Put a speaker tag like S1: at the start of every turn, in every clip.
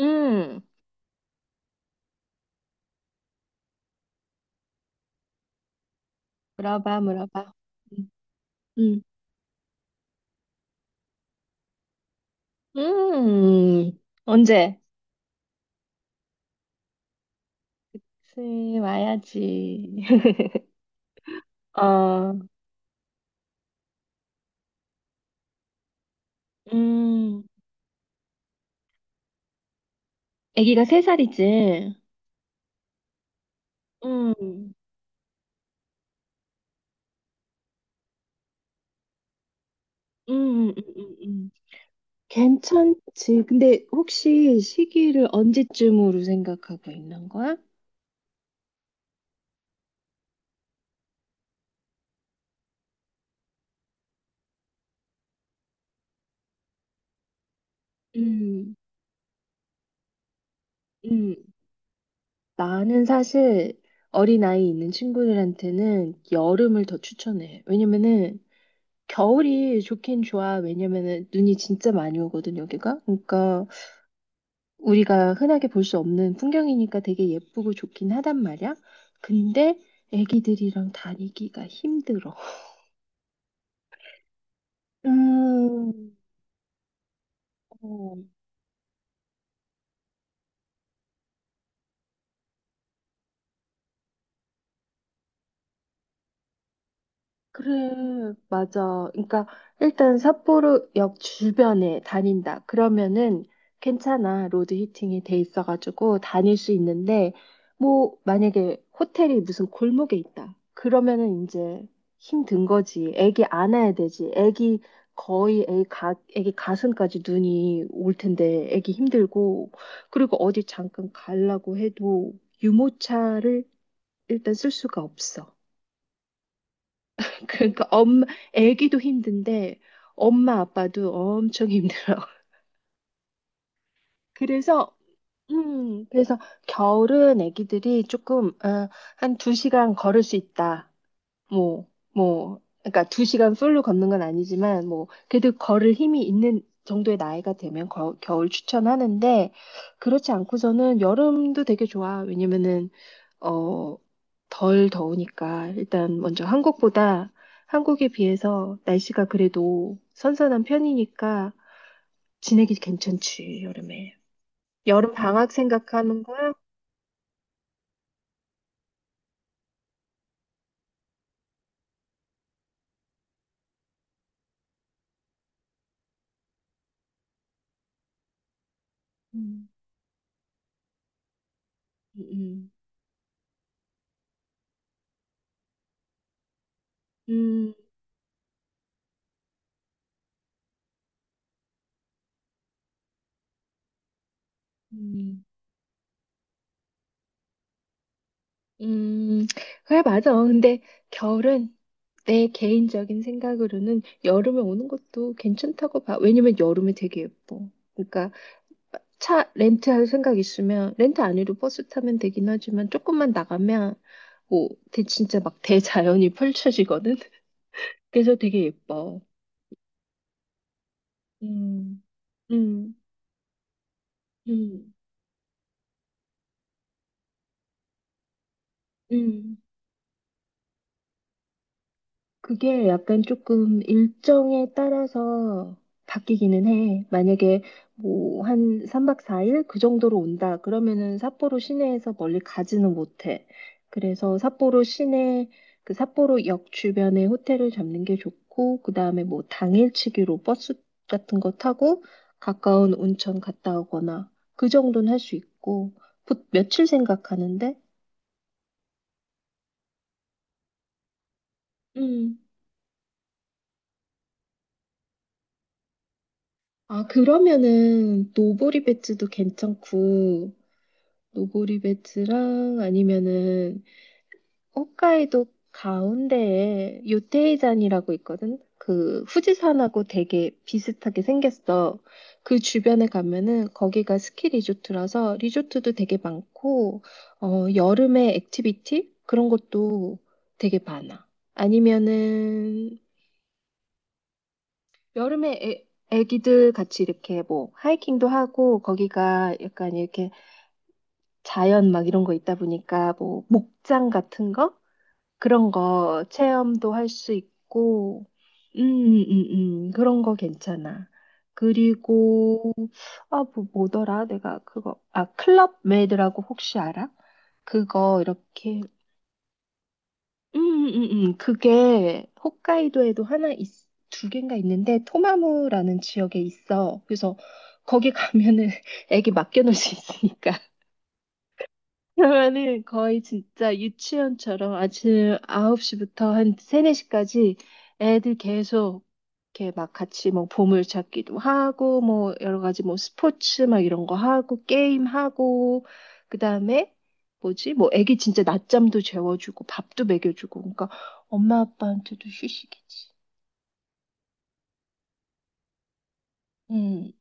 S1: 음, 물어봐, 물어봐. 음, 음, 음. 언제? 슬 와야지. 어, 음, 아기가 3살이지. 음, 음, 음, 음, 음. 괜찮지. 근데 혹시 시기를 언제쯤으로 생각하고 있는 거야? 음, 음. 나는 사실 어린아이 있는 친구들한테는 여름을 더 추천해. 왜냐면은 겨울이 좋긴 좋아. 왜냐면은 눈이 진짜 많이 오거든, 여기가. 그러니까 우리가 흔하게 볼 수 없는 풍경이니까 되게 예쁘고 좋긴 하단 말이야. 근데 애기들이랑 다니기가 힘들어. 음, 어. 그래, 맞아. 그러니까 일단 삿포로역 주변에 다닌다. 그러면은 괜찮아. 로드 히팅이 돼 있어가지고 다닐 수 있는데 뭐 만약에 호텔이 무슨 골목에 있다. 그러면은 이제 힘든 거지. 애기 안아야 되지. 애기 거의 애기 가슴까지 눈이 올 텐데 애기 힘들고 그리고 어디 잠깐 가려고 해도 유모차를 일단 쓸 수가 없어. 그러니까 엄 애기도 힘든데 엄마 아빠도 엄청 힘들어. 그래서 그래서 겨울은 애기들이 조금 한 2시간 걸을 수 있다. 뭐 그러니까 2시간 풀로 걷는 건 아니지만 뭐 그래도 걸을 힘이 있는 정도의 나이가 되면 겨울 추천하는데 그렇지 않고서는 여름도 되게 좋아. 왜냐면은 어, 덜 더우니까 일단 먼저 한국보다 한국에 비해서 날씨가 그래도 선선한 편이니까 지내기 괜찮지, 여름에. 여름 방학 생각하는 거야? 음, 음, 음, 음, 음. 그래, 맞아. 근데 겨울은 내 개인적인 생각으로는 여름에 오는 것도 괜찮다고 봐. 왜냐면 여름에 되게 예뻐. 그러니까 차 렌트할 생각 있으면 렌트 안 해도 버스 타면 되긴 하지만 조금만 나가면 뭐 진짜 막 대자연이 펼쳐지거든. 그래서 되게 예뻐. 음, 음, 음, 음. 그게 약간 조금 일정에 따라서 바뀌기는 해. 만약에 뭐 한 3박 4일 그 정도로 온다. 그러면은 삿포로 시내에서 멀리 가지는 못해. 그래서 삿포로 시내 그 삿포로 역 주변에 호텔을 잡는 게 좋고 그다음에 뭐 당일치기로 버스 같은 거 타고 가까운 온천 갔다 오거나 그 정도는 할 수 있고 며칠 생각하는데? 음. 아, 그러면은 노보리 배츠도 괜찮고 노보리 배츠랑 아니면은 홋카이도 가운데에 요테이잔이라고 있거든. 그 후지산하고 되게 비슷하게 생겼어. 그 주변에 가면은 거기가 스키 리조트라서 리조트도 되게 많고 여름에 액티비티 그런 것도 되게 많아. 아니면은 여름에 애기들 같이 이렇게 뭐 하이킹도 하고 거기가 약간 이렇게 자연 막 이런 거 있다 보니까 뭐 목장 같은 거 그런 거 체험도 할 수 있고 그런 거 괜찮아. 그리고 아, 뭐더라? 내가 그거 아 클럽 메이드라고 혹시 알아? 그거 이렇게 음, 음. 그게 홋카이도에도 2개인가 있는데 토마무라는 지역에 있어. 그래서 거기 가면은 애기 맡겨놓을 수 있으니까. 그러면은 거의 진짜 유치원처럼 아침 9시부터 한 3, 4시까지 애들 계속 이렇게 막 같이 뭐 보물찾기도 하고 뭐 여러 가지 뭐 스포츠 막 이런 거 하고 게임하고 그다음에 뭐지? 뭐 애기 진짜 낮잠도 재워주고 밥도 먹여주고 그러니까 엄마 아빠한테도 휴식이지. 음.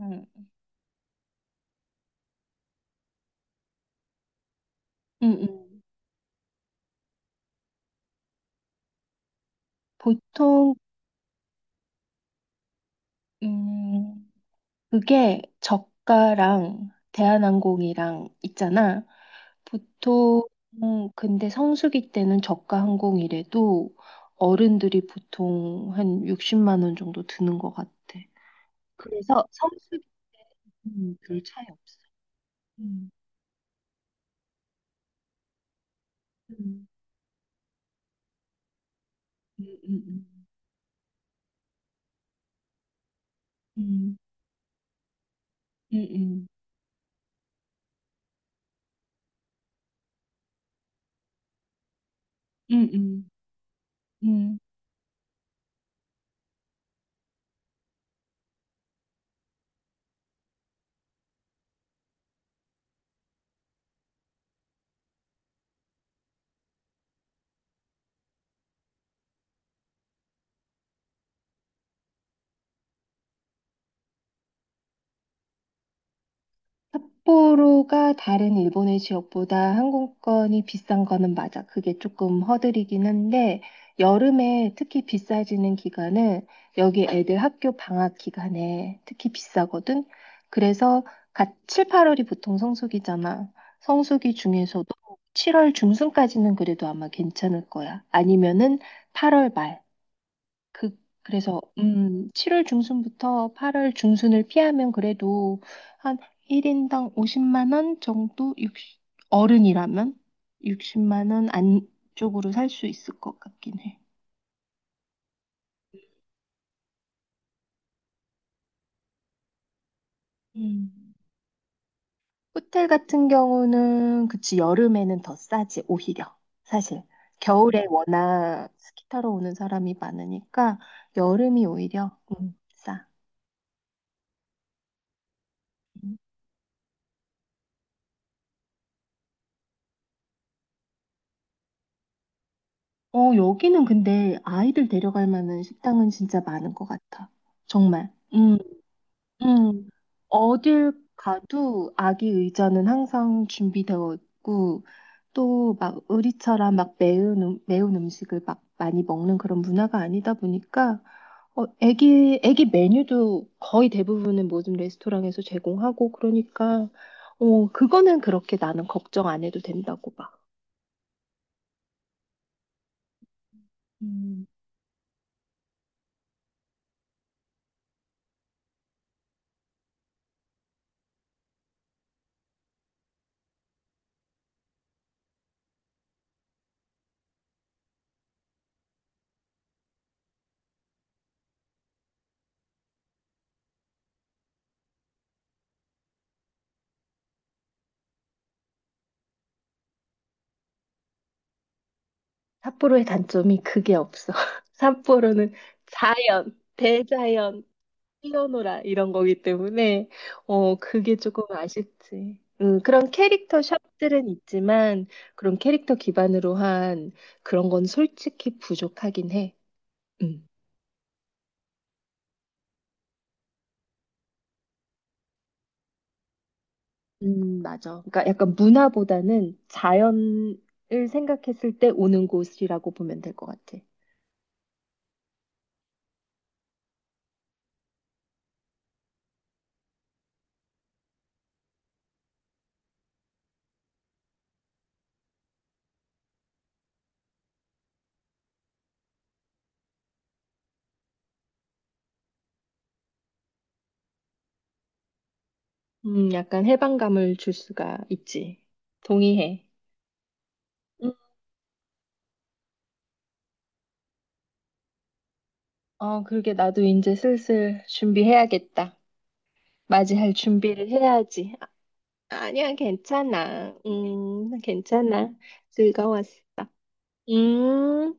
S1: 음. 음. 음. 보통 음. 그게 저가랑 대한항공이랑 있잖아. 보통 근데 성수기 때는 저가 항공이래도 어른들이 보통 한 60만 원 정도 드는 것 같아. 그래서 성수기 때는 별 차이 없어. 음, 음, 음, 음, 음, 음, 음, 음, 음, 음. 삿포로가 다른 일본의 지역보다 항공권이 비싼 거는 맞아. 그게 조금 허들이긴 한데, 여름에 특히 비싸지는 기간은 여기 애들 학교 방학 기간에 특히 비싸거든. 그래서 갓 7, 8월이 보통 성수기잖아. 성수기 중에서도 7월 중순까지는 그래도 아마 괜찮을 거야. 아니면은 8월 말. 그, 그래서, 7월 중순부터 8월 중순을 피하면 그래도 한 1인당 50만 원 정도, 육 어른이라면 60만 원 안쪽으로 살 수 있을 것 같긴 해. 음. 호텔 같은 경우는, 그치, 여름에는 더 싸지, 오히려. 사실. 겨울에 워낙 스키 타러 오는 사람이 많으니까, 여름이 오히려, 싸. 어, 여기는 근데 아이들 데려갈 만한 식당은 진짜 많은 것 같아. 정말. 음. 어딜 가도 아기 의자는 항상 준비되어 있고, 또 막 의리처럼 막 매운 음식을 막 많이 먹는 그런 문화가 아니다 보니까, 어, 애기 메뉴도 거의 대부분은 모든 레스토랑에서 제공하고, 그러니까, 어, 그거는 그렇게 나는 걱정 안 해도 된다고 봐. 음. 삿포로의 단점이 그게 없어. 삿포로는 자연, 대자연, 뛰어노라 이런 거기 때문에 그게 조금 아쉽지. 그런 캐릭터 샵들은 있지만 그런 캐릭터 기반으로 한 그런 건 솔직히 부족하긴 해. 음. 맞아. 그러니까 약간 문화보다는 자연을 생각했을 때 오는 곳이라고 보면 될 것 같아. 약간 해방감을 줄 수가 있지. 동의해. 어, 그러게 나도 이제 슬슬 준비해야겠다. 맞이할 준비를 해야지. 아, 아니야, 괜찮아. 괜찮아. 즐거웠어. 음.